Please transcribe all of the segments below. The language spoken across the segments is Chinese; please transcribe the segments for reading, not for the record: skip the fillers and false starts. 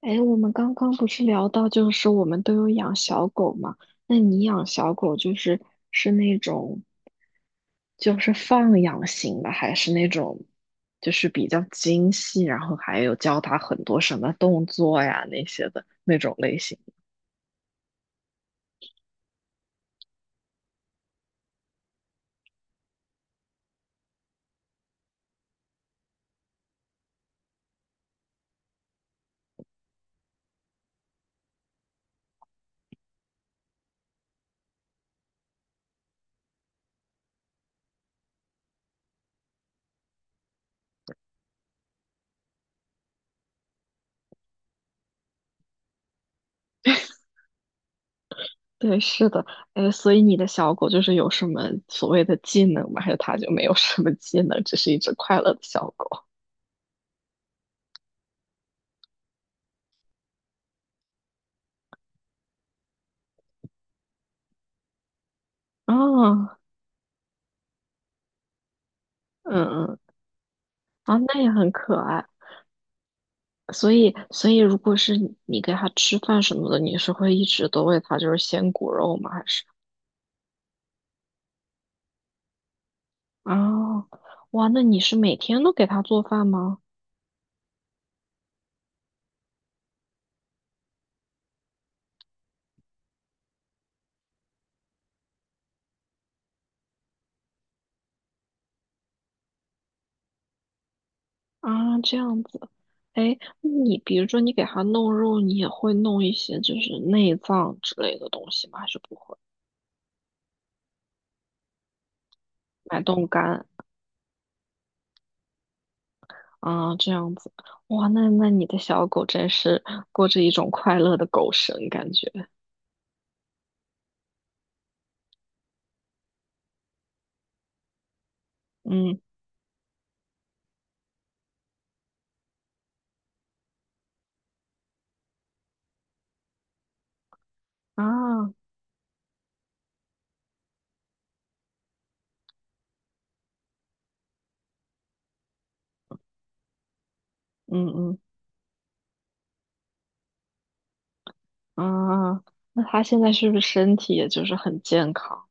哎，我们刚刚不是聊到，就是我们都有养小狗嘛？那你养小狗就是是那种放养型的，还是那种就是比较精细，然后还有教它很多什么动作呀那些的那种类型？对，是的。哎，所以你的小狗就是有什么所谓的技能吗？还是它就没有什么技能，只是一只快乐的小狗？啊。嗯嗯。啊，那也很可爱。所以，所以如果是你给它吃饭什么的，你是会一直都喂它就是鲜骨肉吗？还是啊，哇，那你是每天都给它做饭吗？啊，这样子。哎，那你比如说你给它弄肉，你也会弄一些就是内脏之类的东西吗？还是不会？买冻干。啊，这样子。哇，那那你的小狗真是过着一种快乐的狗生感觉。嗯。啊。嗯嗯。啊，那他现在是不是身体也就是很健康？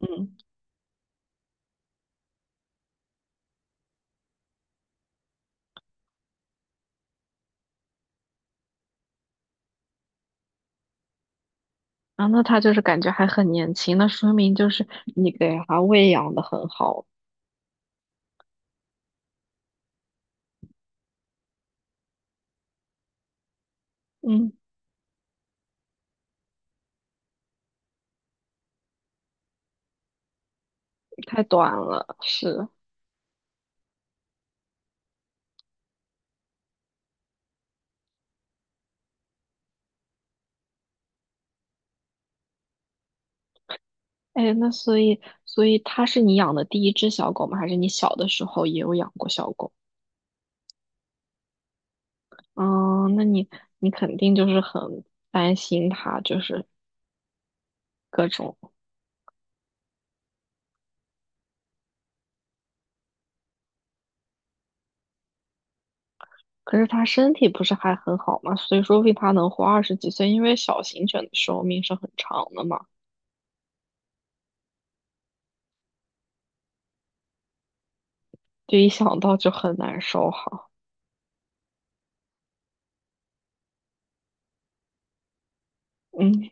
嗯。啊，那他就是感觉还很年轻，那说明就是你给他喂养的很好。嗯。太短了，是。哎，那所以，所以它是你养的第一只小狗吗？还是你小的时候也有养过小狗？嗯，那你肯定就是很担心它，就是各种。可是它身体不是还很好吗？所以说为定它能活二十几岁，因为小型犬的寿命是很长的嘛。就一想到就很难受哈。嗯。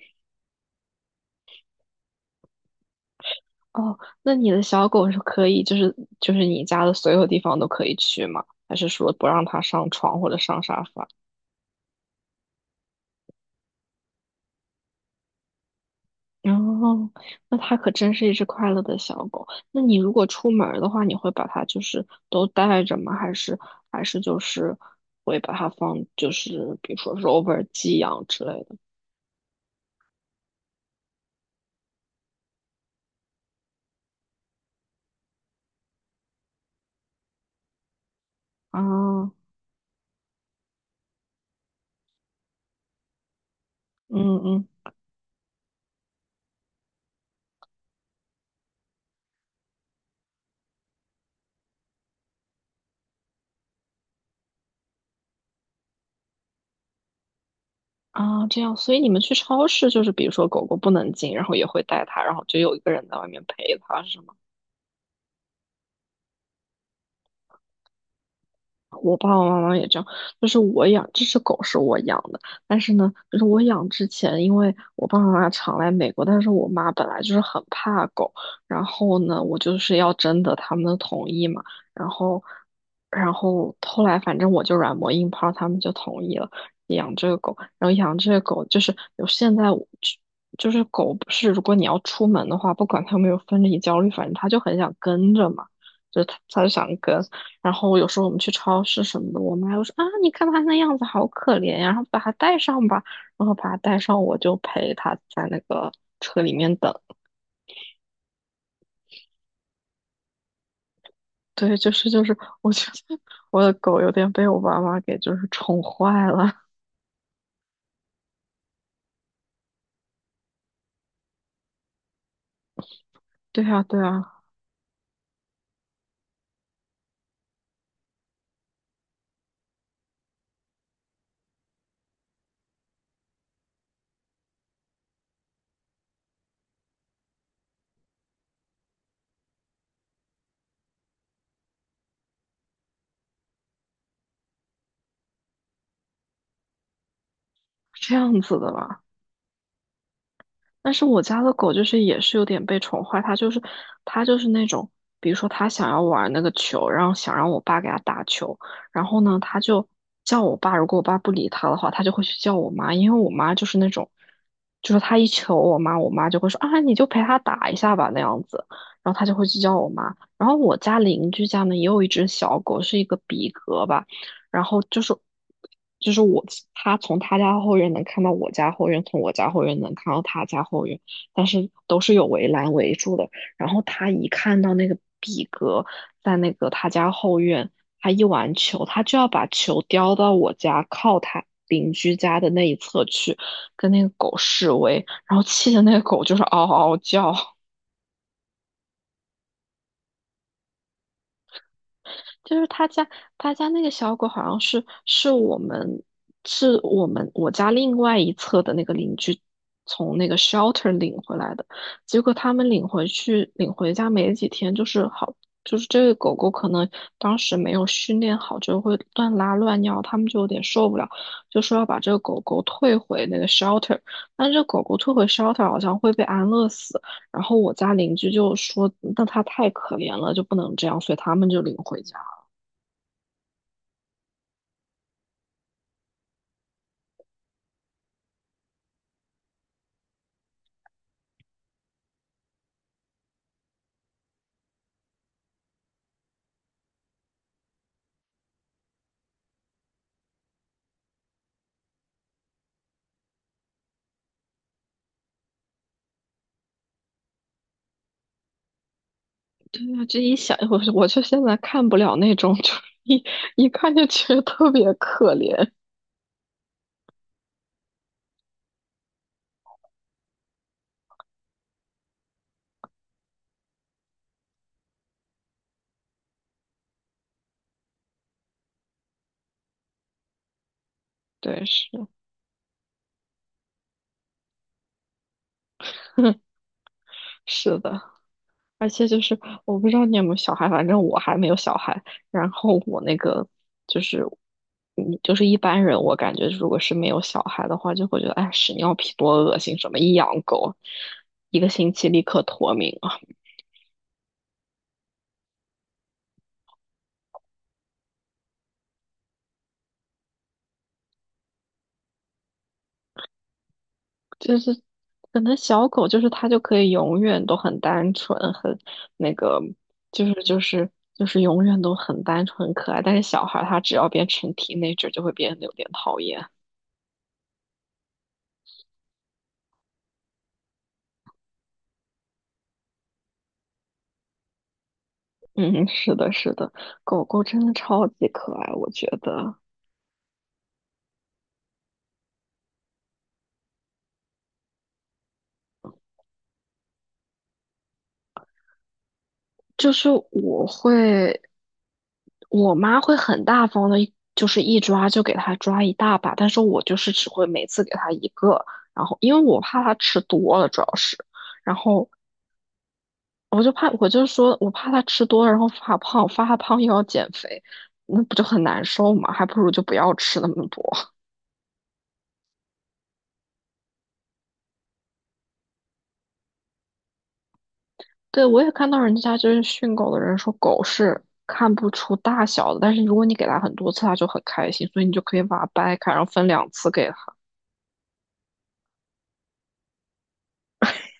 哦，那你的小狗是可以，就是你家的所有地方都可以去吗？还是说不让它上床或者上沙发？哦，那它可真是一只快乐的小狗。那你如果出门儿的话，你会把它就是都带着吗？还是就是会把它放，就是比如说 rover 寄养之类的？啊，嗯嗯。啊，这样，所以你们去超市就是，比如说狗狗不能进，然后也会带它，然后就有一个人在外面陪它，是吗？我爸爸妈妈也这样，就是我养这只狗是我养的，但是呢，就是我养之前，因为我爸爸妈妈常来美国，但是我妈本来就是很怕狗，然后呢，我就是要征得他们的同意嘛，然后，然后后来反正我就软磨硬泡，他们就同意了养这个狗，然后养这个狗就是有现在我就是狗不是如果你要出门的话，不管它有没有分离焦虑，反正它就很想跟着嘛。就它就想跟，然后有时候我们去超市什么的，我妈就说啊，你看它那样子好可怜呀，然后把它带上吧，然后把它带上，我就陪它在那个车里面等。对，就是，我觉得我的狗有点被我爸妈给就是宠坏了。对呀，对呀，是这样子的吧？但是我家的狗就是也是有点被宠坏，它就是那种，比如说它想要玩那个球，然后想让我爸给它打球，然后呢，它就叫我爸，如果我爸不理它的话，它就会去叫我妈，因为我妈就是那种，就是它一求我妈，我妈就会说啊，你就陪它打一下吧那样子，然后它就会去叫我妈。然后我家邻居家呢也有一只小狗，是一个比格吧。然后就是就是我他从他家后院能看到我家后院，从我家后院能看到他家后院，但是都是有围栏围住的。然后他一看到那个比格在那个他家后院，他一玩球，他就要把球叼到我家靠他邻居家的那一侧去，跟那个狗示威，然后气的那个狗就是嗷嗷嗷叫。就是他家他家那个小狗好像是我家另外一侧的那个邻居从那个 shelter 领回来的，结果他们领回家没几天，就是这个狗狗可能当时没有训练好，就会乱拉乱尿，他们就有点受不了，就说要把这个狗狗退回那个 shelter，但这狗狗退回 shelter 好像会被安乐死，然后我家邻居就说那它太可怜了，就不能这样，所以他们就领回家。对啊，这一想，我就现在看不了那种，就是一看就觉得特别可怜。对，是的，而且就是我不知道你有没有小孩，反正我还没有小孩。然后我那个就是，嗯，就是一般人，我感觉如果是没有小孩的话，就会觉得哎，屎尿屁多恶心，什么一养狗，一个星期立刻脱敏。就是可能小狗就是它就可以永远都很单纯，很那个，就是就是就是永远都很单纯很可爱。但是小孩儿他只要变成 teenager 就会变得有点讨厌。嗯，是的，是的，狗狗真的超级可爱，我觉得。就是我会，我妈会很大方的，就是一抓就给它抓一大把，但是我就是只会每次给它一个，然后因为我怕它吃多了，主要是。然后我就怕，我就说，我怕它吃多了，然后发胖，发胖又要减肥，那不就很难受吗？还不如就不要吃那么多。对，我也看到人家就是训狗的人说，狗是看不出大小的，但是如果你给它很多次，它就很开心，所以你就可以把它掰开，然后分两次给它。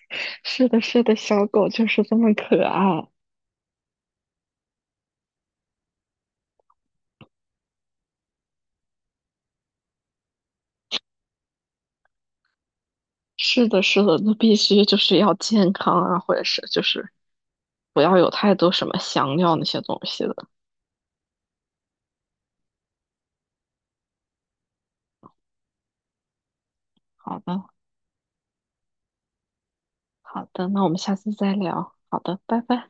是的，是的，小狗就是这么可爱。是的，是的，那必须就是要健康啊，或者是就是不要有太多什么香料那些东西的。好的，好的，那我们下次再聊。好的，拜拜。